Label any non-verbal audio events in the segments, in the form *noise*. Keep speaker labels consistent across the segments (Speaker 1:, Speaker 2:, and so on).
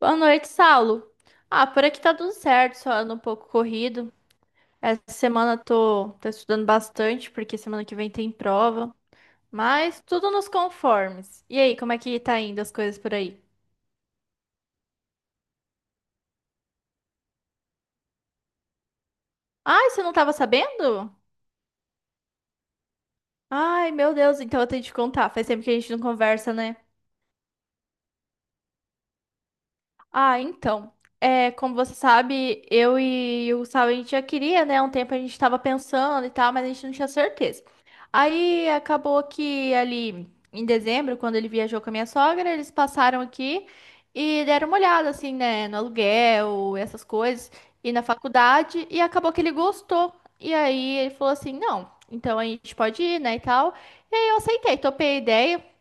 Speaker 1: Boa noite, Saulo. Ah, por aqui tá tudo certo, só ando um pouco corrido. Essa semana tô estudando bastante, porque semana que vem tem prova. Mas tudo nos conformes. E aí, como é que tá indo as coisas por aí? Ai, você não tava sabendo? Ai, meu Deus, então eu tenho que te contar. Faz tempo que a gente não conversa, né? Ah, então. É, como você sabe, eu e o Gustavo, a gente já queria, né? Um tempo a gente estava pensando e tal, mas a gente não tinha certeza. Aí acabou que ali em dezembro, quando ele viajou com a minha sogra, eles passaram aqui e deram uma olhada, assim, né? No aluguel, essas coisas, e na faculdade, e acabou que ele gostou. E aí ele falou assim: não, então a gente pode ir, né? E tal. E aí eu aceitei, topei a ideia.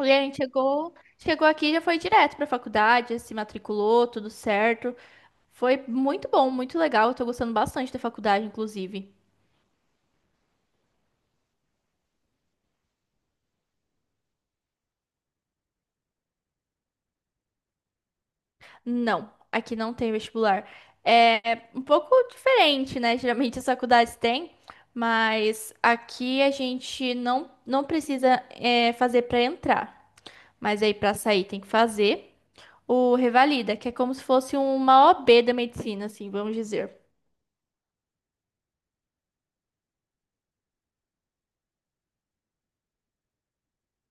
Speaker 1: E a gente chegou aqui e já foi direto pra faculdade, se matriculou, tudo certo. Foi muito bom, muito legal. Eu tô gostando bastante da faculdade, inclusive. Não, aqui não tem vestibular. É um pouco diferente, né? Geralmente as faculdades têm, mas aqui a gente não precisa fazer pra entrar. Mas aí pra sair tem que fazer o revalida, que é como se fosse uma OB da medicina, assim, vamos dizer.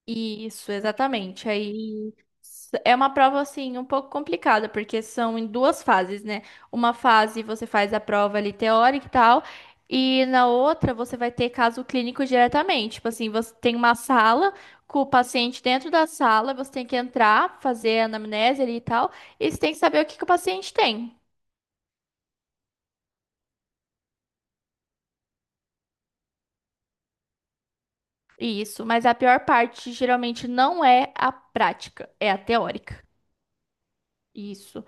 Speaker 1: Isso, exatamente. Aí é uma prova assim um pouco complicada, porque são em duas fases, né? Uma fase você faz a prova ali teórica e tal, e na outra você vai ter caso clínico diretamente. Tipo assim, você tem uma sala com o paciente dentro da sala, você tem que entrar, fazer a anamnese ali e tal, e você tem que saber o que que o paciente tem. Isso, mas a pior parte geralmente não é a prática, é a teórica. Isso.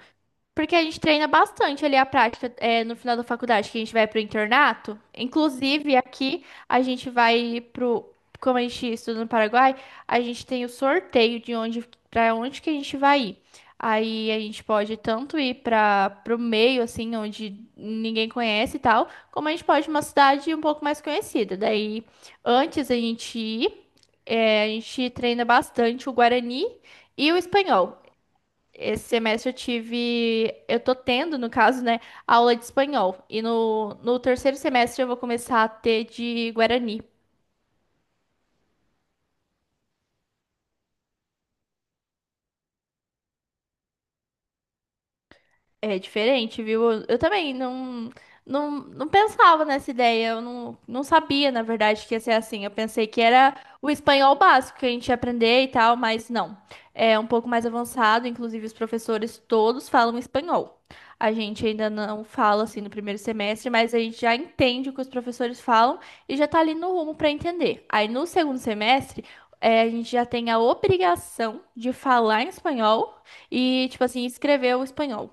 Speaker 1: Porque a gente treina bastante ali a prática no final da faculdade, que a gente vai pro internato. Inclusive, aqui a gente vai pro. Como a gente estuda no Paraguai, a gente tem o sorteio de onde para onde que a gente vai ir. Aí a gente pode tanto ir para pro meio, assim, onde ninguém conhece e tal, como a gente pode ir uma cidade um pouco mais conhecida. Daí, antes a gente ir, a gente treina bastante o Guarani e o espanhol. Esse semestre eu tô tendo, no caso, né, aula de espanhol. E no terceiro semestre eu vou começar a ter de guarani. É diferente, viu? Eu também não pensava nessa ideia, eu não sabia, na verdade, que ia ser assim. Eu pensei que era o espanhol básico que a gente ia aprender e tal, mas não. É um pouco mais avançado, inclusive os professores todos falam espanhol. A gente ainda não fala assim no primeiro semestre, mas a gente já entende o que os professores falam e já tá ali no rumo para entender. Aí no segundo semestre, a gente já tem a obrigação de falar em espanhol e, tipo assim, escrever o espanhol.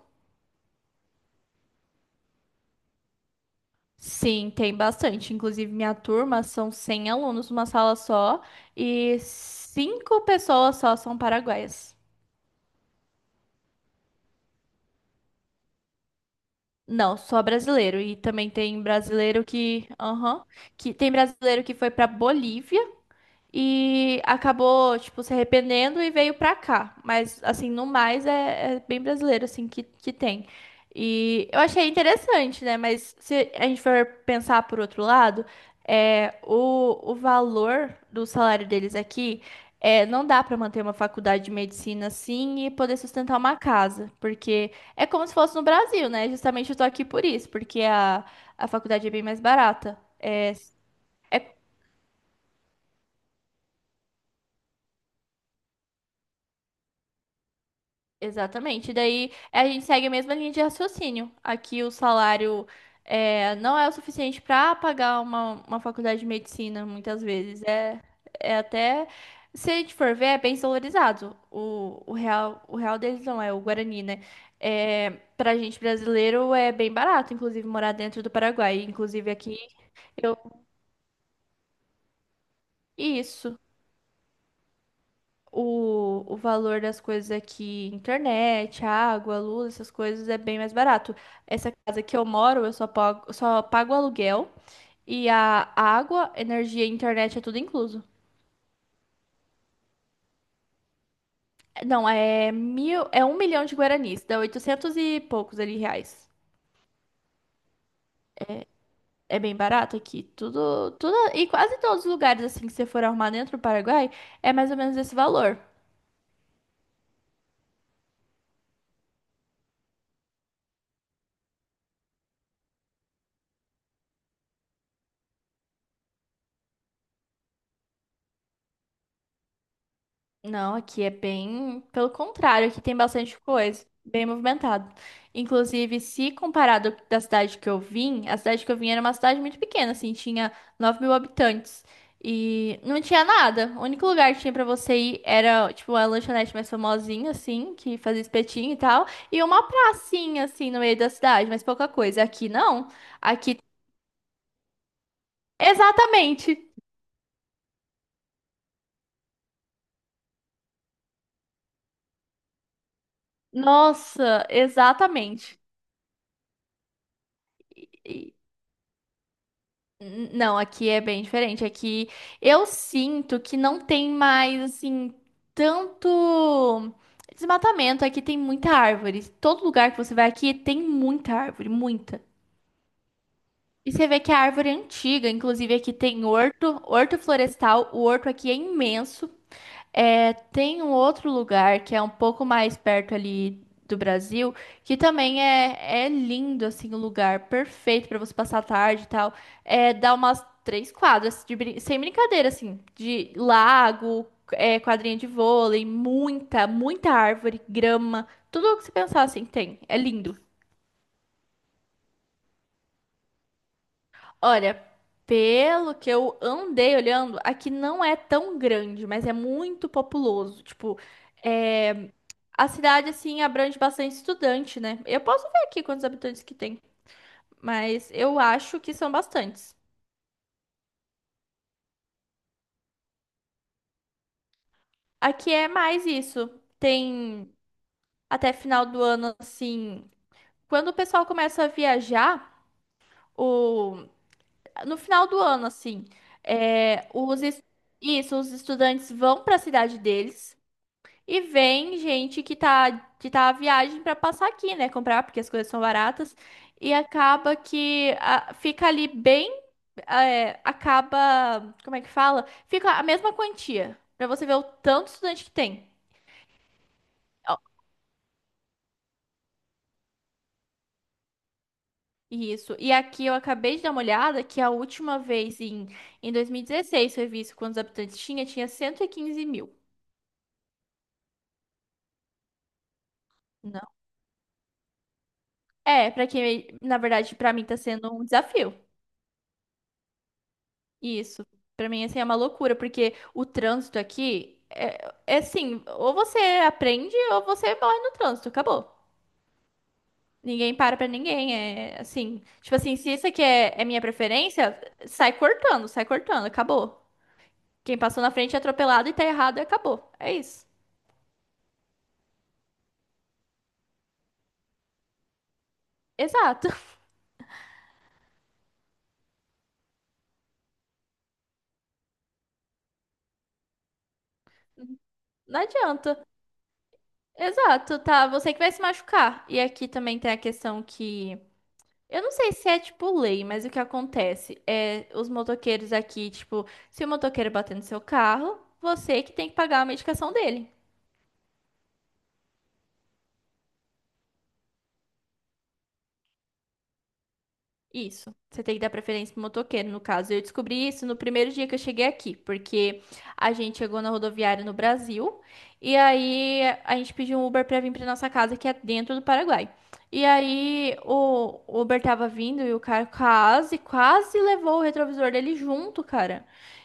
Speaker 1: Sim, tem bastante. Inclusive, minha turma são 100 alunos numa sala só e cinco pessoas só são paraguaias. Não, só brasileiro. E também tem brasileiro que, aham, que tem brasileiro que foi para Bolívia. E acabou, tipo, se arrependendo e veio pra cá. Mas, assim, no mais é bem brasileiro, assim, que tem. E eu achei interessante, né? Mas se a gente for pensar por outro lado, o valor do salário deles aqui não dá pra manter uma faculdade de medicina assim e poder sustentar uma casa. Porque é como se fosse no Brasil, né? Justamente eu tô aqui por isso, porque a faculdade é bem mais barata. É Exatamente. Daí a gente segue a mesma linha de raciocínio. Aqui o salário não é o suficiente para pagar uma faculdade de medicina, muitas vezes. Até, se a gente for ver, é bem desvalorizado. O real deles não é o Guarani, né? É, para gente brasileiro é bem barato, inclusive, morar dentro do Paraguai. Inclusive aqui, eu. Isso. O valor das coisas aqui, internet, água, luz, essas coisas é bem mais barato. Essa casa que eu moro, eu só pago aluguel e a água, energia e internet é tudo incluso. Não, é mil, é 1 milhão de guaranis, dá 800 e poucos ali reais. É bem barato aqui, tudo, tudo, e quase todos os lugares assim que você for arrumar dentro do Paraguai é mais ou menos esse valor. Não, aqui é bem. Pelo contrário, aqui tem bastante coisa, bem movimentado. Inclusive, se comparado da cidade que eu vim, a cidade que eu vim era uma cidade muito pequena, assim, tinha 9 mil habitantes. E não tinha nada. O único lugar que tinha pra você ir era, tipo, a lanchonete mais famosinha, assim, que fazia espetinho e tal, e uma pracinha, assim, no meio da cidade, mas pouca coisa. Aqui não. Aqui, exatamente. Nossa, exatamente. Não, aqui é bem diferente. Aqui eu sinto que não tem mais, assim, tanto desmatamento. Aqui tem muita árvore. Todo lugar que você vai aqui tem muita árvore, muita. E você vê que a árvore é antiga. Inclusive, aqui tem horto, horto florestal. O horto aqui é imenso. É, tem um outro lugar que é um pouco mais perto ali do Brasil, que também é lindo, assim, o lugar perfeito para você passar a tarde e tal. É, dá umas 3 quadras, sem brincadeira, assim, de lago, quadrinha de vôlei, muita, muita árvore, grama, tudo o que você pensar, assim, tem. É lindo. Olha, pelo que eu andei olhando, aqui não é tão grande, mas é muito populoso. Tipo, é, A cidade, assim, abrange bastante estudante, né? Eu posso ver aqui quantos habitantes que tem, mas eu acho que são bastantes. Aqui é mais isso. Tem até final do ano, assim. Quando o pessoal começa a viajar, o... no final do ano, assim. é, os... es- Isso, os estudantes vão para a cidade deles e vem gente que tá, à viagem para passar aqui, né? Comprar, porque as coisas são baratas. E acaba que fica ali bem acaba, como é que fala? Fica a mesma quantia. Pra você ver o tanto estudante que tem. Ó, Isso. E aqui eu acabei de dar uma olhada que a última vez em 2016 foi visto quantos habitantes tinha, 115 mil. Não. É, pra quem, na verdade, pra mim tá sendo um desafio. Isso. Pra mim, assim, é uma loucura, porque o trânsito aqui é assim, ou você aprende ou você morre no trânsito, acabou. Ninguém para pra ninguém, é assim. Tipo assim, se isso aqui é minha preferência, sai cortando, acabou. Quem passou na frente é atropelado e tá errado e acabou. É isso. Exato. *laughs* Não adianta. Exato, tá? Você que vai se machucar. E aqui também tem a questão que. Eu não sei se é tipo lei, mas o que acontece é os motoqueiros aqui, tipo, se o motoqueiro bater no seu carro, você que tem que pagar a medicação dele. Isso. Você tem que dar preferência pro motoqueiro, no caso. Eu descobri isso no primeiro dia que eu cheguei aqui, porque a gente chegou na rodoviária no Brasil e aí a gente pediu um Uber pra vir pra nossa casa, que é dentro do Paraguai. E aí o Uber tava vindo e o cara quase, quase levou o retrovisor dele junto, cara.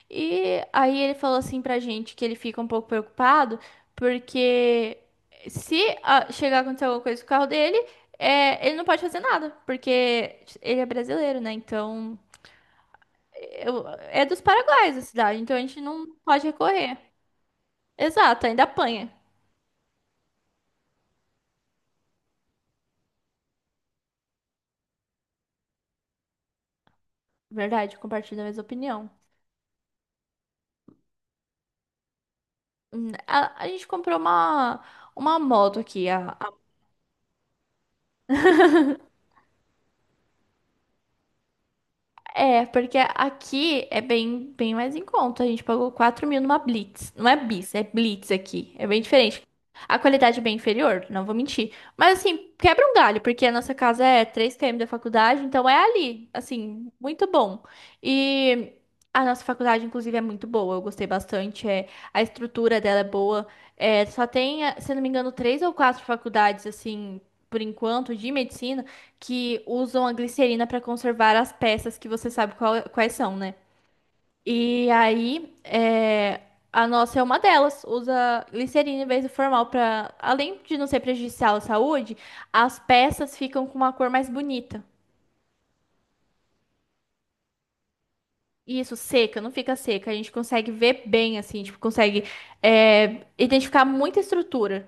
Speaker 1: E aí ele falou assim pra gente que ele fica um pouco preocupado, porque se chegar a acontecer alguma coisa com o carro dele. É, ele não pode fazer nada, porque ele é brasileiro, né? Então, é dos Paraguaios a cidade, então a gente não pode recorrer. Exato, ainda apanha. Verdade, compartilho da mesma opinião. A gente comprou uma moto aqui, é, porque aqui é bem, bem mais em conta. A gente pagou 4 mil numa Blitz. Não é Bis, é Blitz aqui. É bem diferente. A qualidade é bem inferior, não vou mentir. Mas assim, quebra um galho, porque a nossa casa é 3 km da faculdade, então é ali, assim, muito bom. E a nossa faculdade, inclusive, é muito boa. Eu gostei bastante. É, a estrutura dela é boa. É, só tem, se eu não me engano, três ou quatro faculdades, assim, por enquanto, de medicina que usam a glicerina para conservar as peças que você sabe quais são, né? E aí, a nossa é uma delas, usa glicerina em vez do formal para, além de não ser prejudicial à saúde, as peças ficam com uma cor mais bonita. Isso, seca, não fica seca. A gente consegue ver bem, assim, tipo, consegue identificar muita estrutura.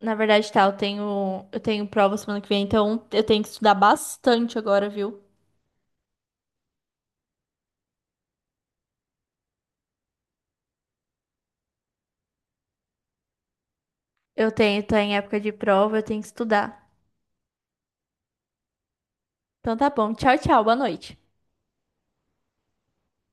Speaker 1: Na verdade, tá, eu tenho prova semana que vem, então eu tenho que estudar bastante agora, viu? Tô em época de prova, eu tenho que estudar. Então tá bom. Tchau, tchau. Boa noite.